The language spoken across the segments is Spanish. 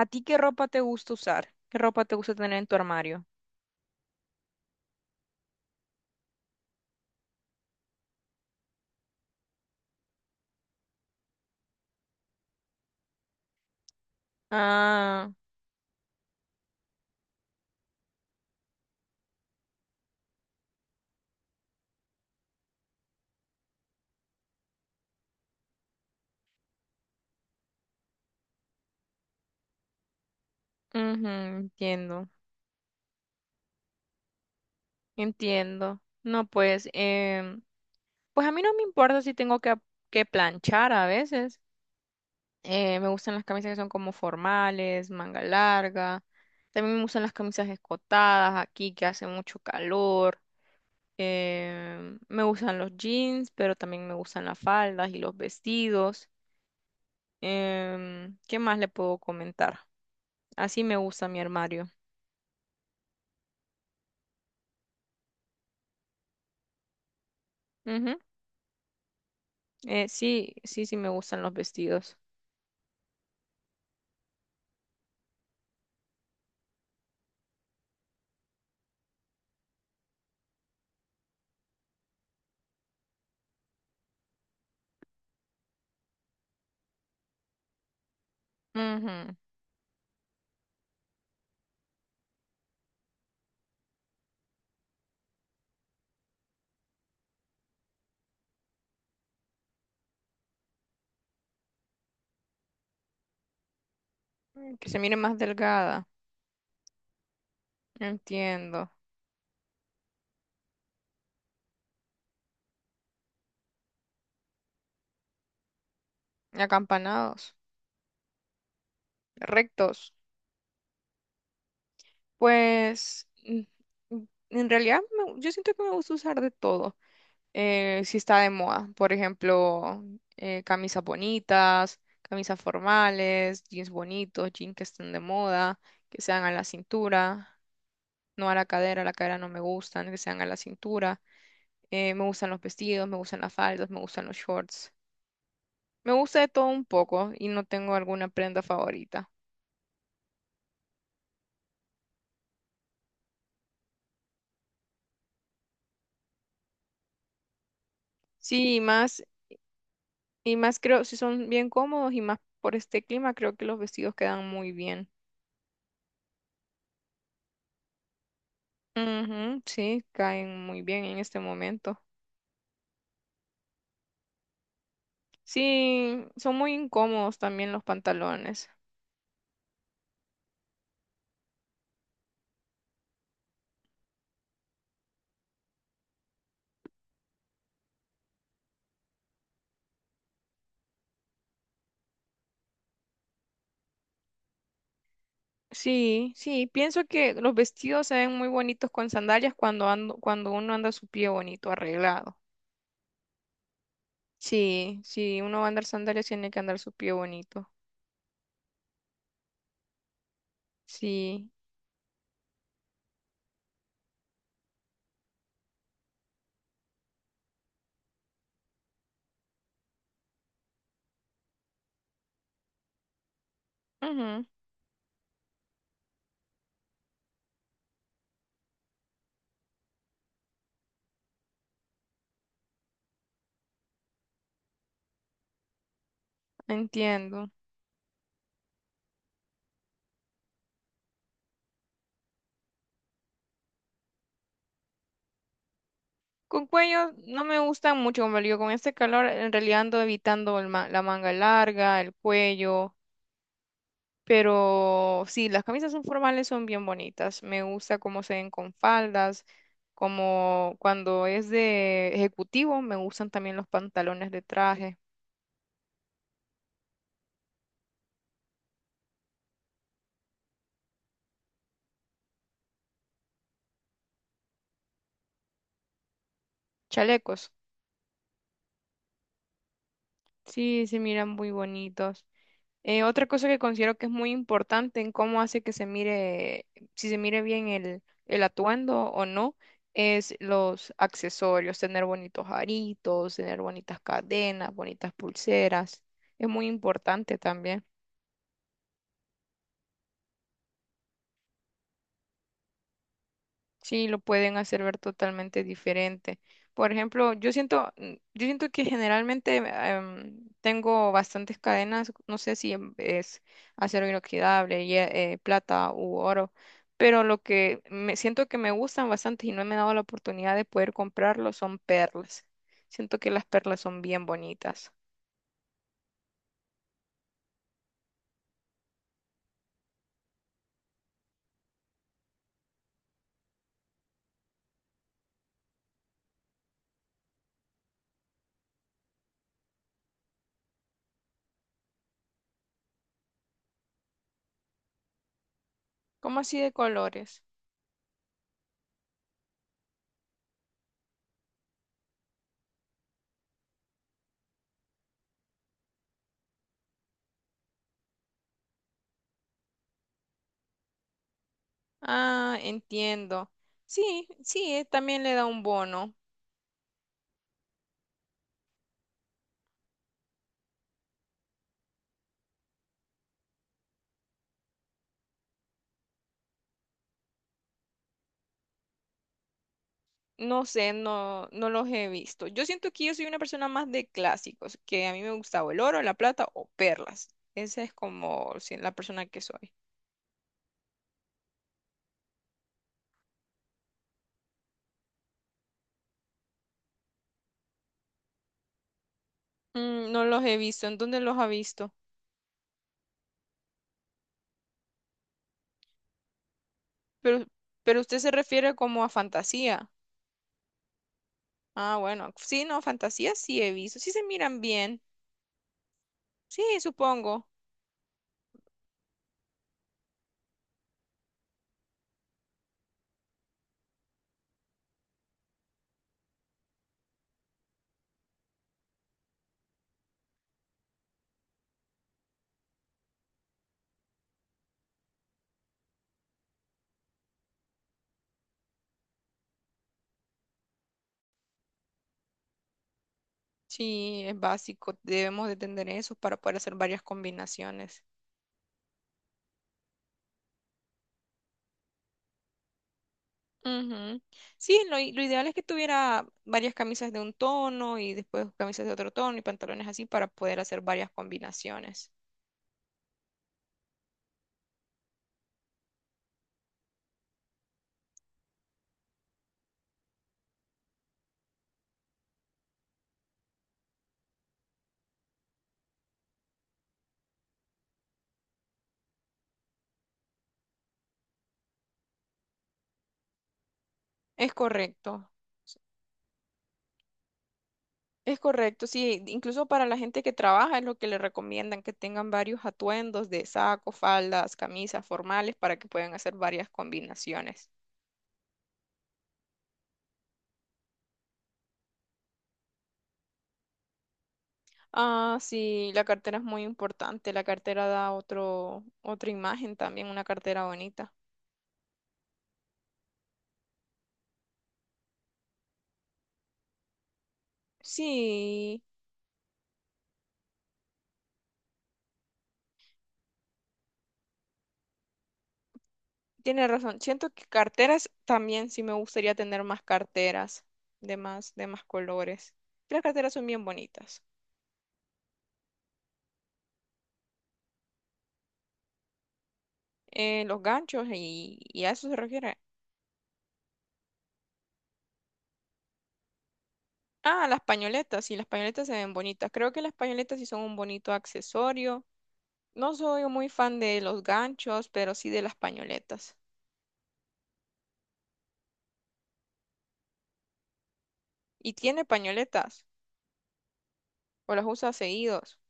¿A ti qué ropa te gusta usar? ¿Qué ropa te gusta tener en tu armario? Ah, ujú, entiendo, entiendo. No, pues, pues a mí no me importa si tengo que planchar a veces. Me gustan las camisas que son como formales, manga larga. También me gustan las camisas escotadas aquí que hace mucho calor. Me gustan los jeans, pero también me gustan las faldas y los vestidos. ¿Qué más le puedo comentar? Así me gusta mi armario. Ujú. Sí, sí, sí me gustan los vestidos. Ujú. Mm, que se mire más delgada. Entiendo. Acampanados, rectos. Pues mm, mm, en realidad yo siento que me gusta usar de todo. Si está de moda, por ejemplo, camisas bonitas, camisas formales, jeans bonitos, jeans que estén de moda, que sean a la cintura, no a la cadera no me gustan, que sean a la cintura. Me gustan los vestidos, me gustan las faldas, me gustan los shorts. Me gusta de todo un poco y no tengo alguna prenda favorita. Sí, y más creo, si son bien cómodos y más por este clima, creo que los vestidos quedan muy bien. Ujú, sí, caen muy bien en este momento. Sí, son muy incómodos también los pantalones. Sí, sí, pienso que los vestidos se ven muy bonitos con sandalias cuando ando, cuando uno anda su pie bonito, arreglado. Sí, sí, uno va a andar sandalias, tiene que andar su pie bonito. Sí, ujú, entiendo. Con cuello no me gustan mucho, como le digo, con este calor en realidad ando evitando el la manga larga, el cuello, pero sí, las camisas son formales son bien bonitas. Me gusta cómo se ven con faldas, como cuando es de ejecutivo, me gustan también los pantalones de traje, chalecos. Sí, se miran muy bonitos. Otra cosa que considero que es muy importante en cómo hace que se mire, si se mire bien el atuendo o no, es los accesorios, tener bonitos aritos, tener bonitas cadenas, bonitas pulseras. Es muy importante también. Sí, lo pueden hacer ver totalmente diferente. Por ejemplo, yo siento, mm, yo siento que generalmente tengo bastantes cadenas, no sé si es acero inoxidable, plata u oro, pero lo que me siento que me gustan bastante y no me he dado la oportunidad de poder comprarlo son perlas. Siento que las perlas son bien bonitas. ¿Cómo así de colores? Ah, entiendo. Sí, sí, también le da un bono. No sé, no, no los he visto. Yo siento que yo soy una persona más de clásicos, que a mí me gustaba el oro, la plata o perlas. Esa es como la persona que soy. Mm, no los he visto. ¿En dónde los ha visto? Pero, pero usted se refiere como a fantasía. Ah, bueno. Sí, no, fantasía sí he visto. Sí se miran bien. Sí, supongo. Sí, es básico. Debemos de tener eso para poder hacer varias combinaciones. Ujú. Sí, lo ideal es que tuviera varias camisas de un tono y después camisas de otro tono y pantalones así para poder hacer varias combinaciones. Es correcto, es correcto, sí, incluso para la gente que trabaja es lo que le recomiendan que tengan varios atuendos de saco, faldas, camisas formales para que puedan hacer varias combinaciones. Ah, sí, la cartera es muy importante, la cartera da otro, otra imagen también, una cartera bonita. Sí, tiene razón. Siento que carteras también sí me gustaría tener más carteras de más colores. Las carteras son bien bonitas. Los ganchos y a eso se refiere. Ah, las pañoletas. Sí, las pañoletas se ven bonitas. Creo que las pañoletas sí son un bonito accesorio. No soy muy fan de los ganchos, pero sí de las pañoletas. ¿Y tiene pañoletas? ¿O las usa seguidos?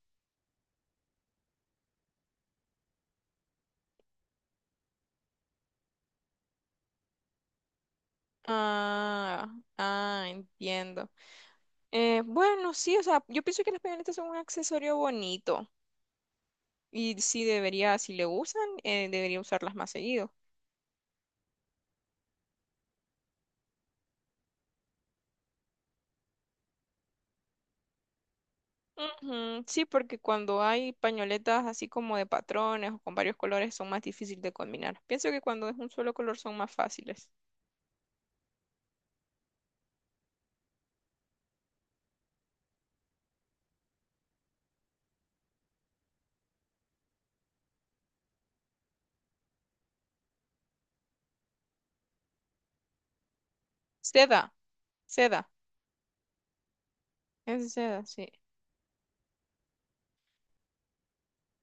Ah, ah, entiendo. Bueno, sí, o sea, yo pienso que las pañoletas son un accesorio bonito. Y sí debería, si le usan, debería usarlas más seguido. Ujú, sí, porque cuando hay pañoletas así como de patrones o con varios colores son más difíciles de combinar. Pienso que cuando es un solo color son más fáciles. Seda, seda, es de seda, sí.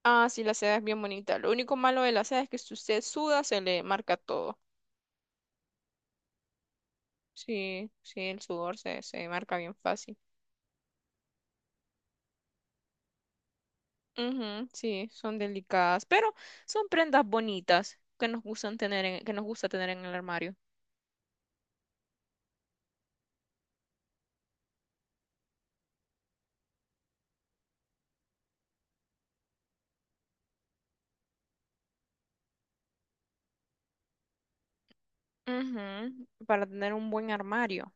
Ah, sí, la seda es bien bonita. Lo único malo de la seda es que si usted suda se le marca todo. Sí, sí, el sudor se, se marca bien fácil. Ujú, sí, son delicadas, pero son prendas bonitas que nos gustan tener que nos gusta tener en el armario. Ujú, para tener un buen armario.